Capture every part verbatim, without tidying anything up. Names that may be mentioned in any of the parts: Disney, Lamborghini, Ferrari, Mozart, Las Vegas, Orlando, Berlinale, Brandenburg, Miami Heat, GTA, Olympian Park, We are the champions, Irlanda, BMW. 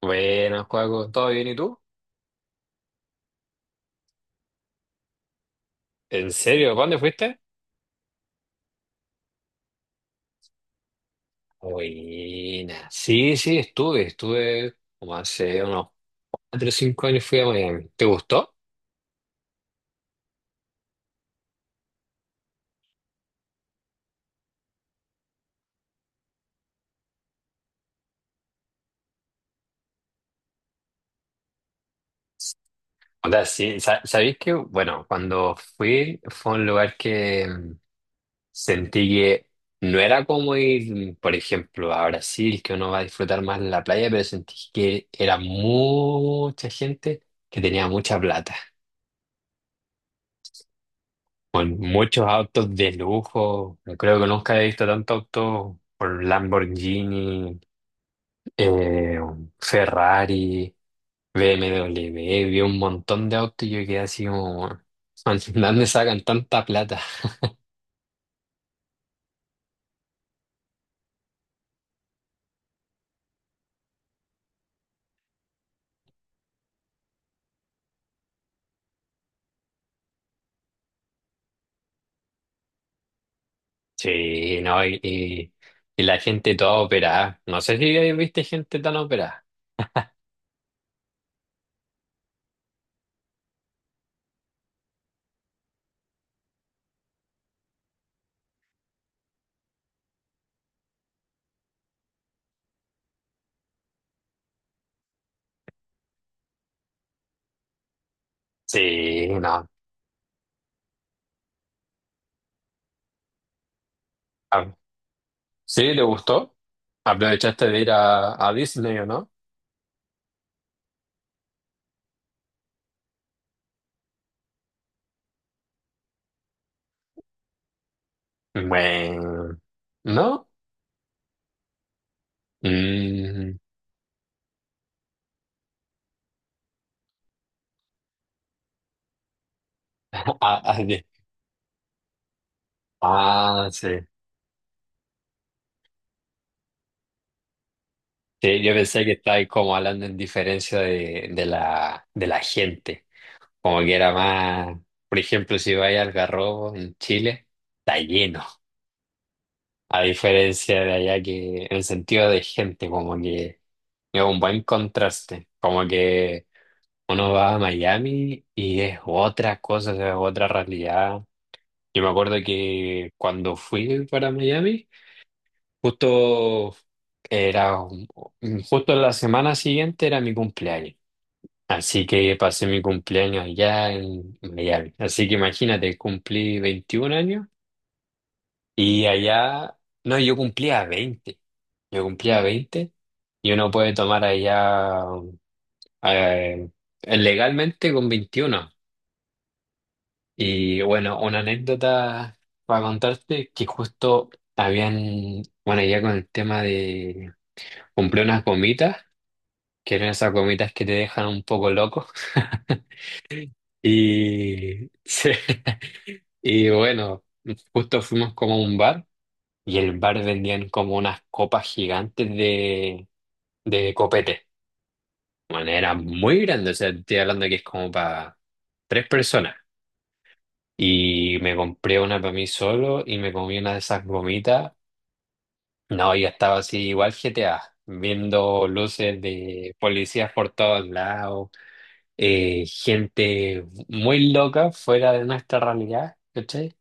Buenas, Juaco, ¿todo bien y tú? ¿En serio? ¿Para dónde fuiste? Buena. Sí, sí, estuve, estuve como hace unos cuatro o cinco años fui a Miami. ¿Te gustó? O sea, sí, sa- sabéis que, bueno, cuando fui fue un lugar que mm, sentí que no era como ir, mm, por ejemplo, a Brasil, que uno va a disfrutar más en la playa, pero sentí que era mucha gente que tenía mucha plata, con muchos autos de lujo. No creo que nunca he visto tanto auto, por Lamborghini, eh, Ferrari, B M W. Vi un montón de autos y yo quedé así como, "Man, ¿de ¿dónde sacan tanta plata?" Sí, no, y, y- y la gente toda operada. No sé si ahí viste gente tan operada. Sí, no. Ah, ¿sí? ¿Te gustó? ¿Aprovechaste de ir a, a Disney o no? Bueno, ¿no? Mm. Ah, ah, de- ah, sí. Sí, yo pensé que estabas como hablando en diferencia de, de la, de la gente. Como que era más, por ejemplo, si vais al Garrobo en Chile, está lleno. A diferencia de allá, que en sentido de gente, como que es un buen contraste. Como que uno va a Miami y es otra cosa, es otra realidad. Yo me acuerdo que cuando fui para Miami, justo era un- un- justo la semana siguiente era mi cumpleaños. Así que pasé mi cumpleaños allá en Miami. Así que imagínate, cumplí veintiún años y allá, no, yo cumplía veinte Yo cumplía veinte Y uno puede tomar allá eh, legalmente con veintiuno. Y bueno, una anécdota para contarte que justo habían, bueno, ya con el tema de, compré unas gomitas que eran esas gomitas que te dejan un poco loco. Y, sí. Y bueno, justo fuimos como a un bar y el bar vendían como unas copas gigantes de, de copete. Bueno, era muy grande, o sea, estoy hablando que es como para tres personas. Y me compré una para mí solo y me comí una de esas gomitas. No, yo estaba así igual G T A, viendo luces de policías por todos lados. Eh, gente muy loca fuera de nuestra realidad, ¿cachai?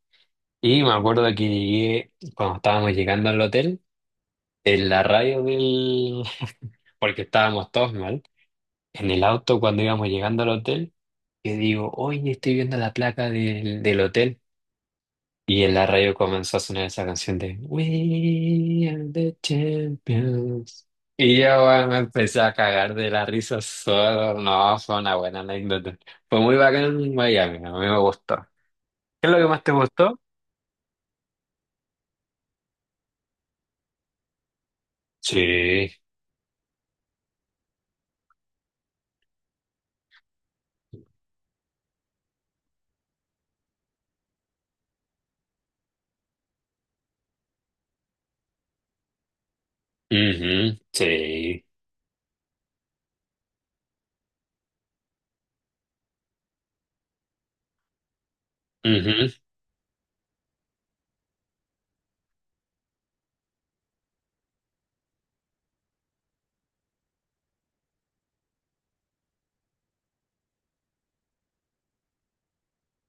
Y me acuerdo que llegué, cuando estábamos llegando al hotel, en la radio del... porque estábamos todos mal, en el auto cuando íbamos llegando al hotel, que digo, oye, estoy viendo la placa del, del hotel. Y en la radio comenzó a sonar esa canción de We are the champions. Y yo, bueno, me empecé a cagar de la risa solo. No, fue una buena anécdota. Fue muy bacán en Miami, a mí me gustó. ¿Qué es lo que más te gustó? Sí, ujú, sí, ujú.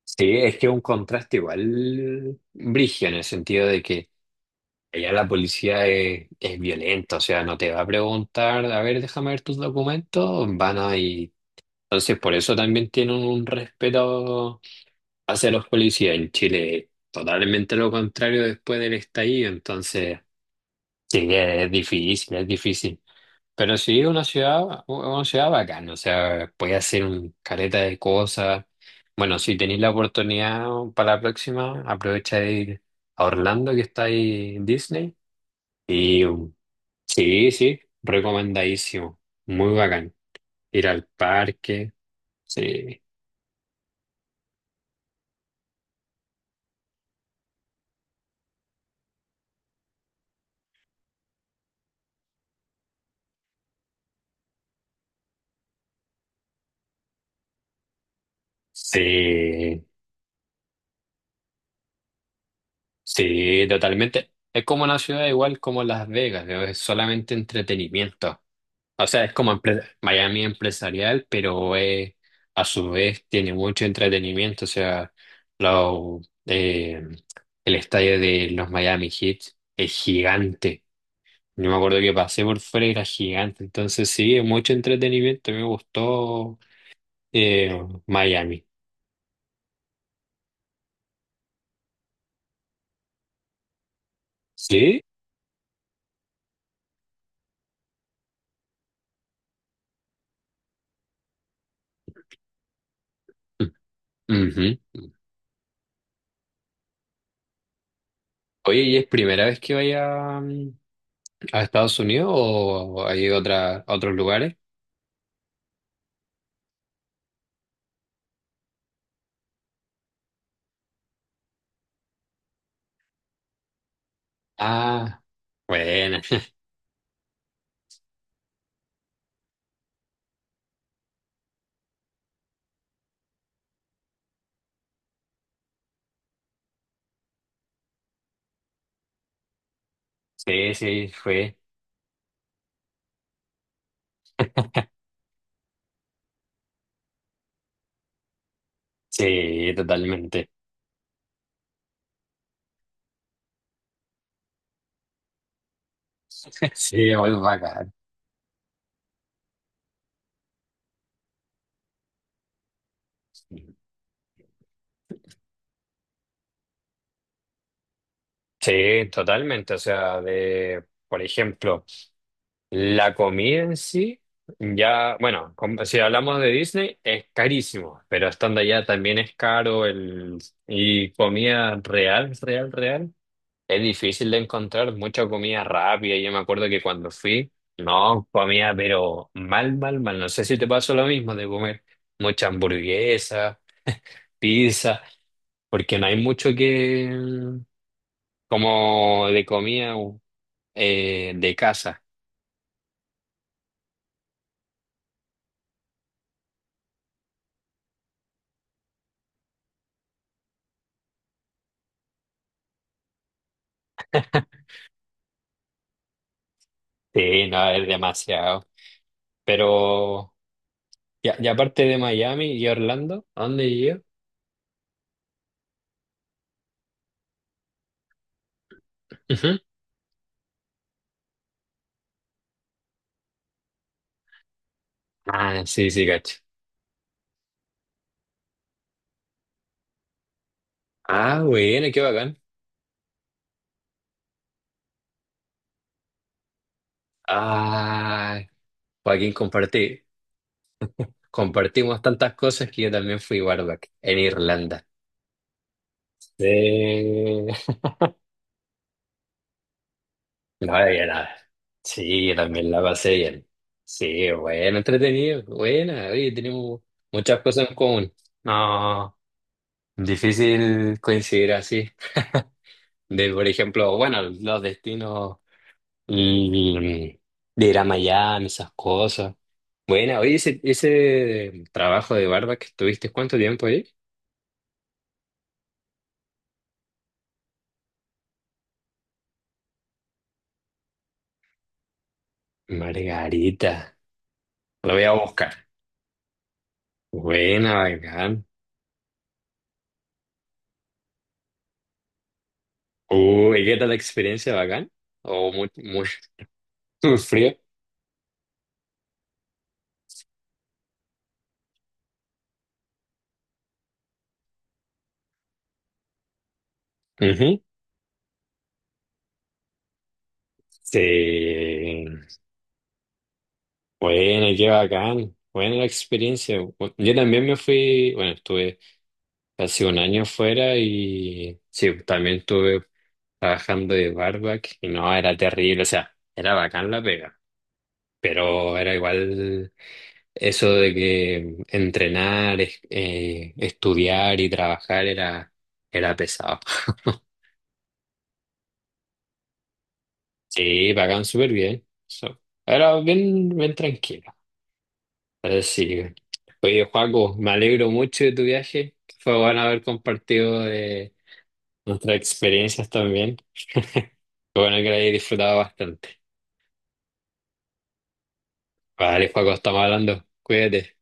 Sí, es que un contraste igual brígido en el sentido de que allá la policía es, es violenta, o sea, no te va a preguntar, a ver, déjame ver tus documentos, van a. Entonces, por eso también tienen un respeto hacia los policías en Chile, totalmente lo contrario después del estallido. Entonces, sí, que es difícil, es difícil. Pero sí, es una ciudad, una ciudad bacana, o sea, puedes hacer un careta de cosas. Bueno, si tenéis la oportunidad para la próxima, aprovecha de ir a Orlando, que está ahí en Disney. Y um, sí, sí, recomendadísimo, muy bacán. Ir al parque, sí. Sí, sí, totalmente. Es como una ciudad igual como Las Vegas, ¿no? Es solamente entretenimiento. O sea, es como empre- Miami empresarial, pero eh, a su vez tiene mucho entretenimiento. O sea, lo- eh, el estadio de los Miami Heat es gigante. Yo me acuerdo que pasé por fuera y era gigante. Entonces sí, es mucho entretenimiento. Me gustó eh, Miami. Sí. Mm, ujú. Oye, ¿y es primera vez que vaya? mm, ¿A Estados Unidos o hay otra, a otros lugares? Ah, bueno, sí, sí, fue. Sí, totalmente. Sí, muy bacán. Sí, totalmente. O sea, de, por ejemplo, la comida en sí, ya, bueno, com- si hablamos de Disney, es carísimo, pero estando allá también es caro el, y comida real, real, real. Es difícil de encontrar mucha comida rápida. Yo me acuerdo que cuando fui, no comía, pero mal, mal, mal. No sé si te pasó lo mismo de comer mucha hamburguesa, pizza, porque no hay mucho que, mm, como de comida eh, de casa. Sí, no, es demasiado. Pero, ya a- y aparte de Miami y Orlando, ¿a dónde yo? Ujú. Ah, sí, sí, cacho. Ah, bueno, qué bacán. Ah, Joaquín, compartí. Compartimos tantas cosas que yo también fui barback en Irlanda. Sí. No había nada. Sí, yo también la pasé bien. Sí, bueno, entretenido, buena. Oye, tenemos muchas cosas en común. No, difícil coincidir así. De, por ejemplo, bueno, los destinos, mm, de ir a Miami, esas cosas. Bueno, oye, ese, ese trabajo de barba que estuviste, ¿cuánto tiempo ahí? Margarita. Lo voy a buscar. Buena, bacán. Uy, ¿qué tal la experiencia, bacán? O muy, muy, muy frío. Ujú. Sí. Bueno, qué bacán. Buena la experiencia. Bu- Yo también me fui, bueno, estuve casi un año fuera y sí, también estuve trabajando de barback y no, era terrible, o sea, era bacán la pega, pero era igual eso de que entrenar, es- eh, estudiar y trabajar era, era pesado. Sí, pagan súper bien. So, era bien, bien tranquila. Así que, oye, Joaco, me alegro mucho de tu viaje. Fue bueno haber compartido de nuestras experiencias también. Fue bueno que la hayas disfrutado bastante. Vale, Joaco, estamos hablando. Cuídate.